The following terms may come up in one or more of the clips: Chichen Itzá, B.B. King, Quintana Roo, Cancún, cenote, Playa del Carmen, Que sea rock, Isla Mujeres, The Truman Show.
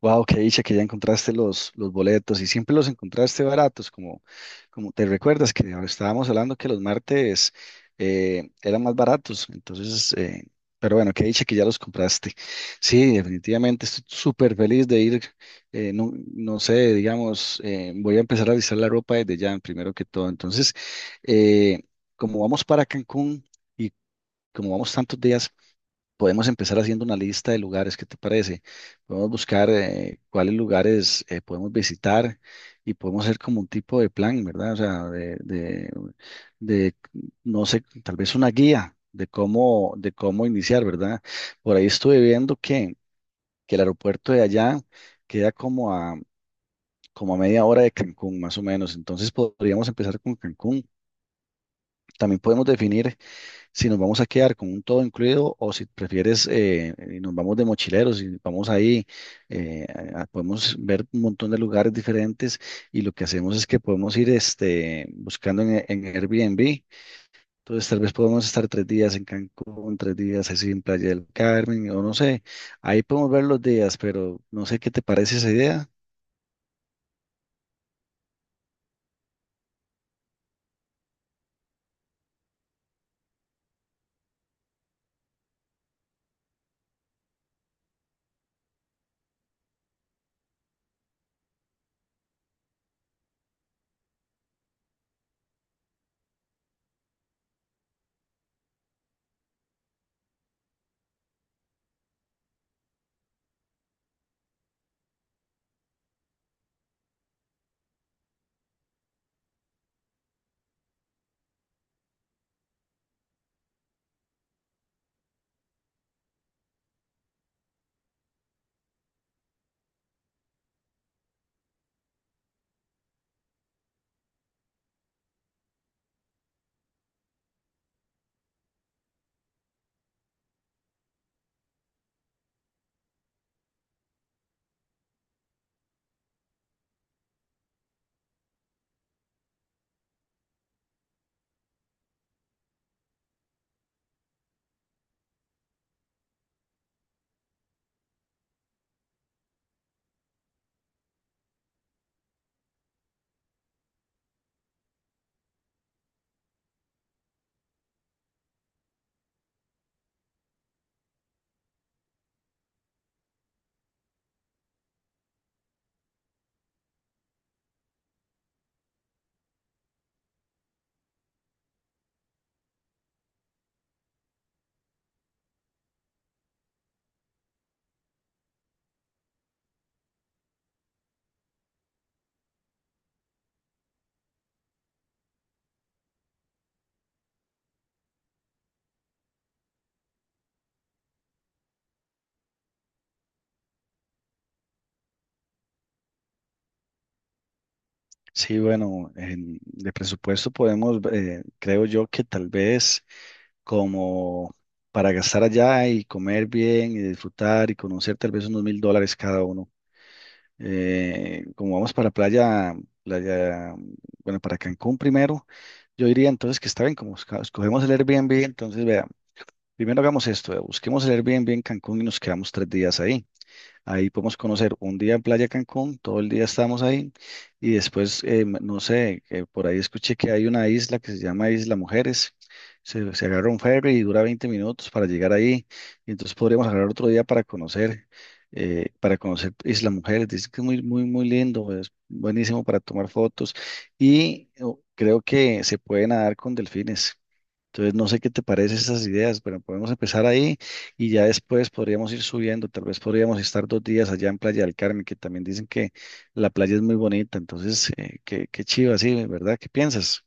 Wow, qué dicha que ya encontraste los boletos y siempre los encontraste baratos, como, como te recuerdas que ahora estábamos hablando que los martes eran más baratos, entonces, pero bueno, qué dicha que ya los compraste. Sí, definitivamente estoy súper feliz de ir, no, no sé, digamos, voy a empezar a avisar la ropa desde ya, primero que todo. Entonces, eh, como vamos para Cancún y como vamos tantos días. Podemos empezar haciendo una lista de lugares, ¿qué te parece? Podemos buscar cuáles lugares podemos visitar y podemos hacer como un tipo de plan, ¿verdad? O sea, de, no sé, tal vez una guía de cómo iniciar, ¿verdad? Por ahí estuve viendo que el aeropuerto de allá queda como a media hora de Cancún, más o menos. Entonces podríamos empezar con Cancún. También podemos definir si nos vamos a quedar con un todo incluido o si prefieres y nos vamos de mochileros y vamos ahí, eh, podemos ver un montón de lugares diferentes y lo que hacemos es que podemos ir este, buscando en Airbnb. Entonces tal vez podemos estar 3 días en Cancún, 3 días así en Playa del Carmen o no sé, ahí podemos ver los días, pero no sé qué te parece esa idea. Sí, bueno, en- de presupuesto podemos, creo yo que tal vez, como para gastar allá y comer bien y disfrutar y conocer tal vez unos 1.000 dólares cada uno. Como vamos para playa, playa, bueno, para Cancún primero, yo diría entonces que está bien, como escogemos el Airbnb, entonces vea, primero hagamos esto, vea, busquemos el Airbnb en Cancún y nos quedamos 3 días ahí. Ahí podemos conocer un día en Playa Cancún, todo el día estamos ahí y después, no sé, que por ahí escuché que hay una isla que se llama Isla Mujeres. Se agarra un ferry y dura 20 minutos para llegar ahí. Y entonces podríamos agarrar otro día para conocer Isla Mujeres. Dice que es muy, muy, muy lindo, es buenísimo para tomar fotos y oh, creo que se puede nadar con delfines. Entonces, no sé qué te parecen esas ideas, pero podemos empezar ahí y ya después podríamos ir subiendo. Tal vez podríamos estar 2 días allá en Playa del Carmen, que también dicen que la playa es muy bonita. Entonces, qué, qué chiva, sí, ¿verdad? ¿Qué piensas?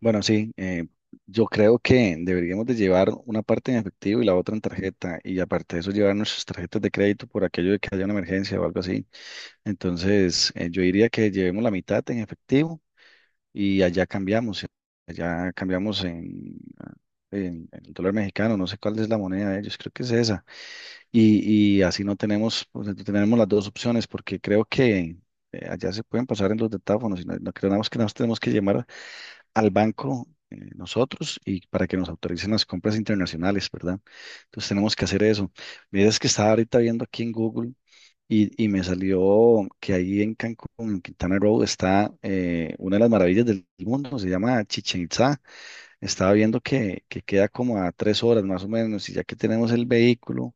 Bueno, sí, yo creo que deberíamos de llevar una parte en efectivo y la otra en tarjeta. Y aparte de eso, llevar nuestras tarjetas de crédito por aquello de que haya una emergencia o algo así. Entonces, yo diría que llevemos la mitad en efectivo y allá cambiamos en el dólar mexicano, no sé cuál es la moneda de ellos, creo que es esa. Y así no tenemos, pues, no tenemos las dos opciones porque creo que allá se pueden pasar en los detáfonos y no, no creemos que nos tenemos que llamar al banco nosotros y para que nos autoricen las compras internacionales, ¿verdad? Entonces tenemos que hacer eso. Mira, es que estaba ahorita viendo aquí en Google y me salió que ahí en Cancún, en Quintana Roo, está una de las maravillas del mundo, se llama Chichen Itzá. Estaba viendo que queda como a 3 horas más o menos, y ya que tenemos el vehículo,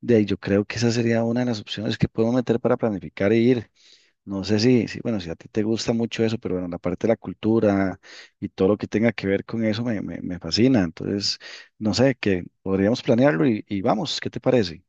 de ahí yo creo que esa sería una de las opciones que podemos meter para planificar e ir. No sé si, bueno, si a ti te gusta mucho eso, pero bueno, la parte de la cultura y todo lo que tenga que ver con eso me fascina. Entonces, no sé, que podríamos planearlo y vamos, ¿qué te parece?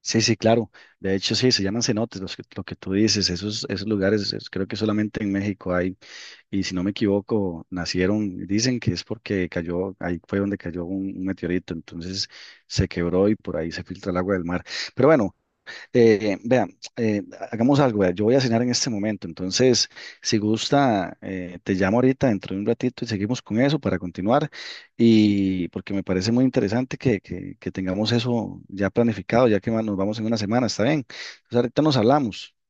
Sí, sí, claro. De hecho, sí, se llaman cenotes, lo que tú dices, esos lugares, creo que solamente en México hay, y si no me equivoco, nacieron, dicen que es porque ahí fue donde cayó un meteorito, entonces se quebró y por ahí se filtra el agua del mar. Pero bueno, vean, eh, hagamos algo, vea, yo voy a cenar en este momento, entonces, si gusta, te llamo ahorita dentro de un ratito y seguimos con eso para continuar. Y porque me parece muy interesante que tengamos eso ya planificado, ya que nos vamos en una semana, ¿está bien? Entonces, ahorita nos hablamos.